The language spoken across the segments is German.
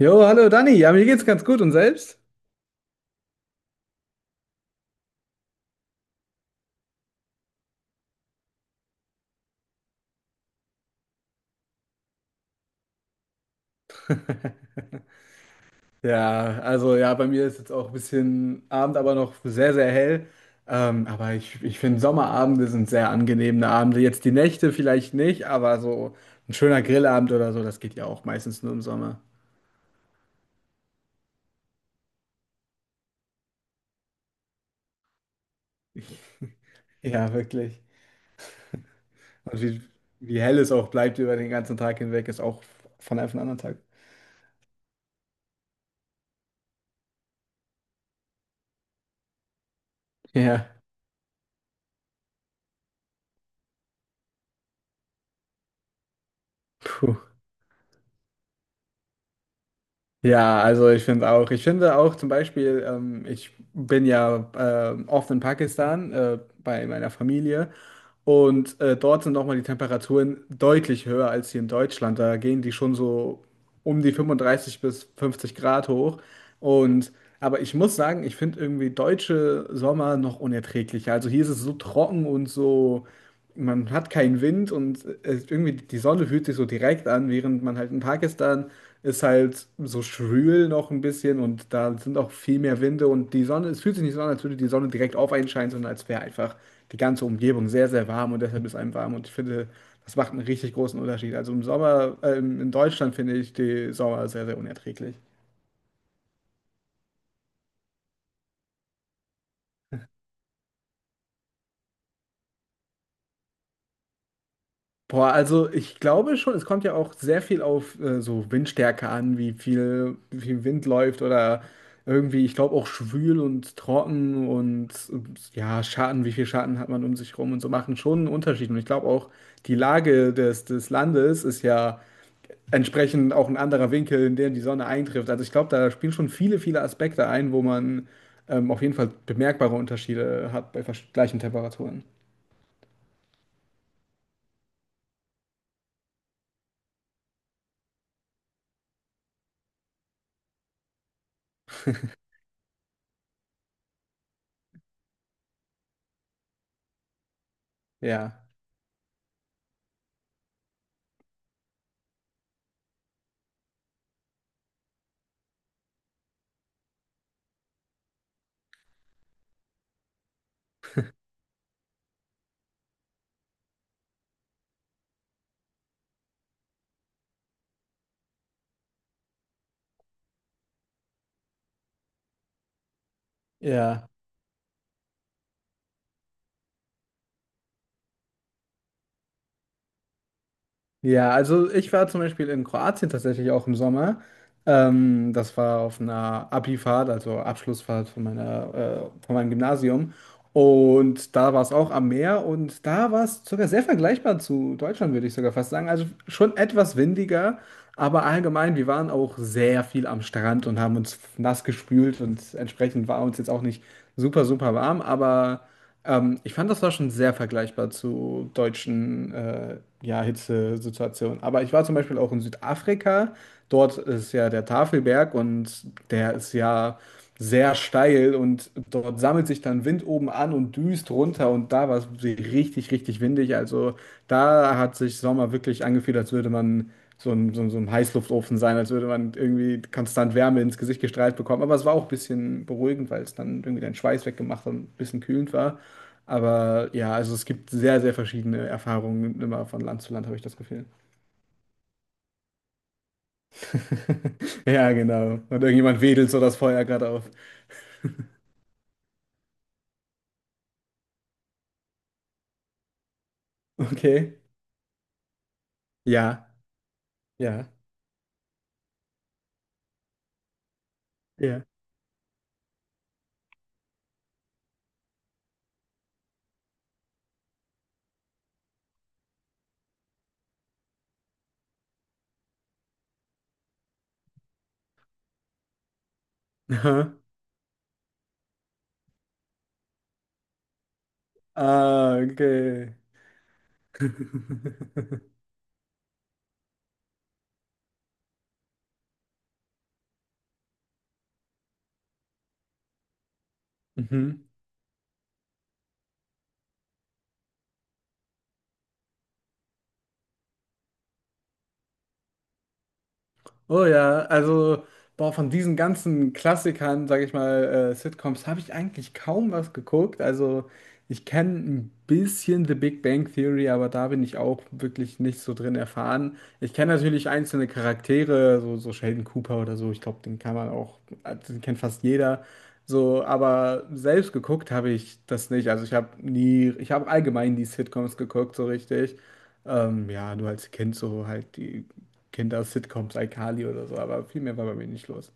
Jo, hallo Dani. Ja, mir geht's ganz gut und selbst? Ja, also ja, bei mir ist jetzt auch ein bisschen Abend, aber noch sehr, sehr hell. Aber ich finde, Sommerabende sind sehr angenehme Abende. Jetzt die Nächte vielleicht nicht, aber so ein schöner Grillabend oder so, das geht ja auch meistens nur im Sommer. Ja, wirklich. Und wie hell es auch bleibt über den ganzen Tag hinweg, ist auch von einem auf den anderen Tag. Ja, puh. Ja, also ich finde auch zum Beispiel, ich bin ja oft in Pakistan bei meiner Familie und dort sind nochmal die Temperaturen deutlich höher als hier in Deutschland. Da gehen die schon so um die 35 bis 50 Grad hoch. Und aber ich muss sagen, ich finde irgendwie deutsche Sommer noch unerträglicher. Also hier ist es so trocken und so, man hat keinen Wind und es, irgendwie die Sonne fühlt sich so direkt an, während man halt in Pakistan ist halt so schwül noch ein bisschen und da sind auch viel mehr Winde, und die Sonne, es fühlt sich nicht so an, als würde die Sonne direkt auf einen scheinen, sondern als wäre einfach die ganze Umgebung sehr, sehr warm und deshalb ist einem warm, und ich finde, das macht einen richtig großen Unterschied. Also im Sommer, in Deutschland finde ich die Sommer sehr, sehr unerträglich. Boah, also ich glaube schon, es kommt ja auch sehr viel auf so Windstärke an, wie viel Wind läuft oder irgendwie, ich glaube auch schwül und trocken und ja, Schatten, wie viel Schatten hat man um sich rum, und so machen schon einen Unterschied. Und ich glaube auch, die Lage des Landes ist ja entsprechend auch ein anderer Winkel, in dem die Sonne eintrifft. Also ich glaube, da spielen schon viele, viele Aspekte ein, wo man auf jeden Fall bemerkbare Unterschiede hat bei gleichen Temperaturen. Ja, ja. Ja, also ich war zum Beispiel in Kroatien tatsächlich auch im Sommer. Das war auf einer Abifahrt, also Abschlussfahrt von von meinem Gymnasium. Und da war es auch am Meer und da war es sogar sehr vergleichbar zu Deutschland, würde ich sogar fast sagen. Also schon etwas windiger, aber allgemein, wir waren auch sehr viel am Strand und haben uns nass gespült und entsprechend war uns jetzt auch nicht super, super warm, aber. Ich fand, das war schon sehr vergleichbar zu deutschen ja, Hitzesituationen. Aber ich war zum Beispiel auch in Südafrika. Dort ist ja der Tafelberg und der ist ja sehr steil, und dort sammelt sich dann Wind oben an und düst runter, und da war es richtig, richtig windig. Also da hat sich Sommer wirklich angefühlt, als würde man so ein Heißluftofen sein, als würde man irgendwie konstant Wärme ins Gesicht gestrahlt bekommen. Aber es war auch ein bisschen beruhigend, weil es dann irgendwie deinen Schweiß weggemacht und ein bisschen kühlend war. Aber ja, also es gibt sehr, sehr verschiedene Erfahrungen immer von Land zu Land, habe ich das Gefühl. Ja, genau. Und irgendjemand wedelt so das Feuer gerade auf. Okay. Ja. Ja. Ja. Aha. Ah, okay. Mhm. Oh ja, also boah, von diesen ganzen Klassikern, sag ich mal, Sitcoms, habe ich eigentlich kaum was geguckt. Also ich kenne ein bisschen The Big Bang Theory, aber da bin ich auch wirklich nicht so drin erfahren. Ich kenne natürlich einzelne Charaktere, so Sheldon Cooper oder so. Ich glaube, den kann man auch, also den kennt fast jeder. So, aber selbst geguckt habe ich das nicht. Also ich habe nie, ich habe allgemein die Sitcoms geguckt, so richtig. Ja, nur als Kind so halt die. Kinder-Sitcoms, iCarly oder so, aber viel mehr war bei mir nicht los.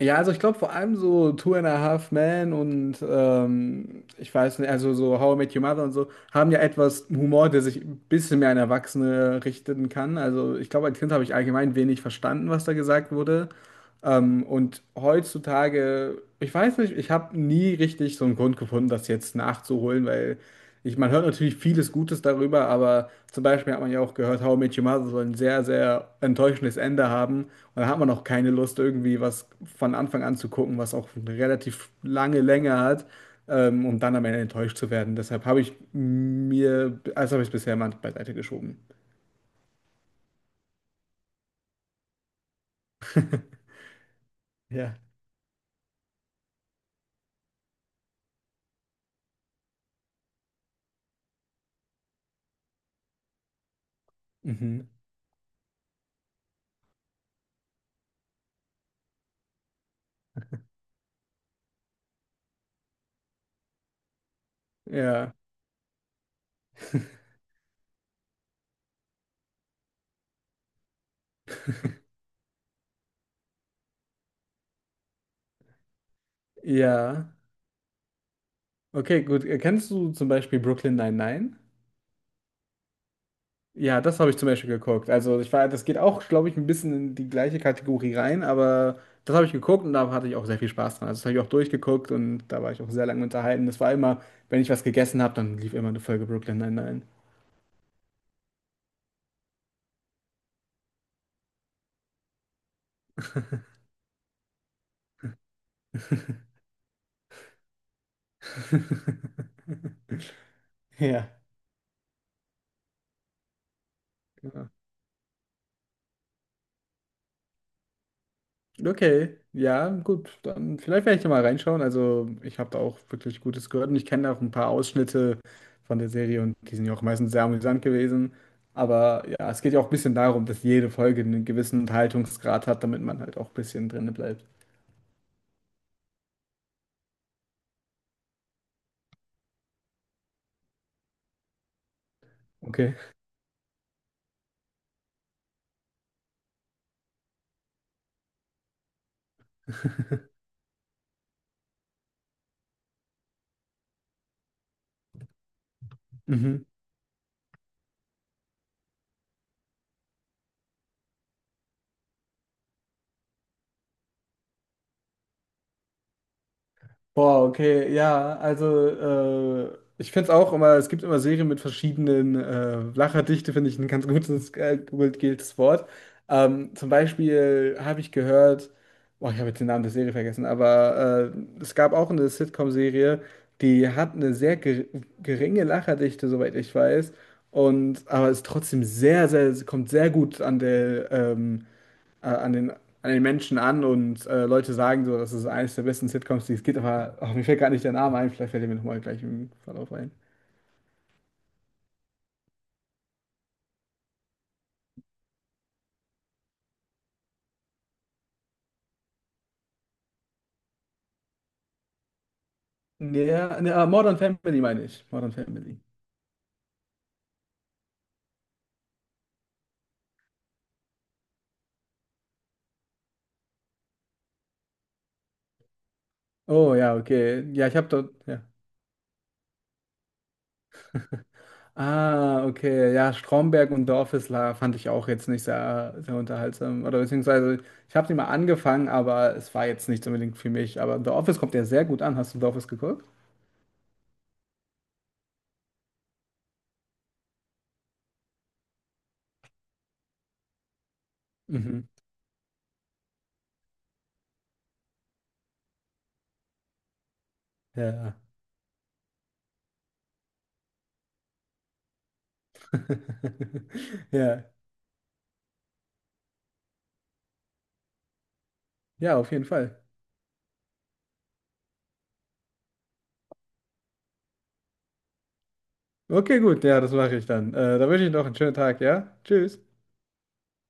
Ja, also ich glaube vor allem so Two and a Half Men und ich weiß nicht, also so How I Met Your Mother und so haben ja etwas Humor, der sich ein bisschen mehr an Erwachsene richten kann. Also ich glaube, als Kind habe ich allgemein wenig verstanden, was da gesagt wurde. Und heutzutage, ich weiß nicht, ich habe nie richtig so einen Grund gefunden, das jetzt nachzuholen, weil man hört natürlich vieles Gutes darüber, aber zum Beispiel hat man ja auch gehört, How I Met Your Mother soll ein sehr, sehr enttäuschendes Ende haben. Und da hat man auch keine Lust, irgendwie was von Anfang an zu gucken, was auch eine relativ lange Länge hat, um dann am Ende enttäuscht zu werden. Deshalb habe ich es bisher mal beiseite geschoben. Ja. Mhm. Ja. Ja. Okay, gut. Kennst du zum Beispiel Brooklyn Nine-Nine? Ja, das habe ich zum Beispiel geguckt. Also das geht auch, glaube ich, ein bisschen in die gleiche Kategorie rein, aber das habe ich geguckt und da hatte ich auch sehr viel Spaß dran. Also das habe ich auch durchgeguckt und da war ich auch sehr lange unterhalten. Das war immer, wenn ich was gegessen habe, dann lief immer eine Folge Brooklyn Nine-Nine. Ja. Okay, ja, gut. Dann vielleicht werde ich da mal reinschauen. Also ich habe da auch wirklich Gutes gehört und ich kenne auch ein paar Ausschnitte von der Serie und die sind ja auch meistens sehr amüsant gewesen. Aber ja, es geht ja auch ein bisschen darum, dass jede Folge einen gewissen Unterhaltungsgrad hat, damit man halt auch ein bisschen drinne bleibt. Okay. Mhm. Boah, okay, ja, also ich finde es auch immer, es gibt immer Serien mit verschiedenen Lacherdichte, finde ich ein ganz gutes Wort. Zum Beispiel habe ich gehört, boah, ich habe jetzt den Namen der Serie vergessen, aber es gab auch eine Sitcom-Serie, die hat eine sehr ge geringe Lacherdichte, soweit ich weiß, und aber ist trotzdem kommt sehr gut an der äh, an den, an den Menschen an und Leute sagen so, das ist eines der besten Sitcoms, die es gibt, aber ach, mir fällt gar nicht der Name ein, vielleicht fällt er mir nochmal gleich im Verlauf ein. Nee, ja, ne, Modern Family meine ich. Modern Family. Oh ja, okay. Ja, ich habe dort, ja. Ah, okay. Ja, Stromberg und The Office fand ich auch jetzt nicht sehr, sehr unterhaltsam. Oder beziehungsweise, ich habe sie mal angefangen, aber es war jetzt nicht unbedingt für mich. Aber The Office kommt ja sehr gut an. Hast du The Office geguckt? Mhm. Ja. Ja. Ja, auf jeden Fall. Okay, gut, ja, das mache ich dann. Da wünsche ich noch einen schönen Tag, ja? Tschüss.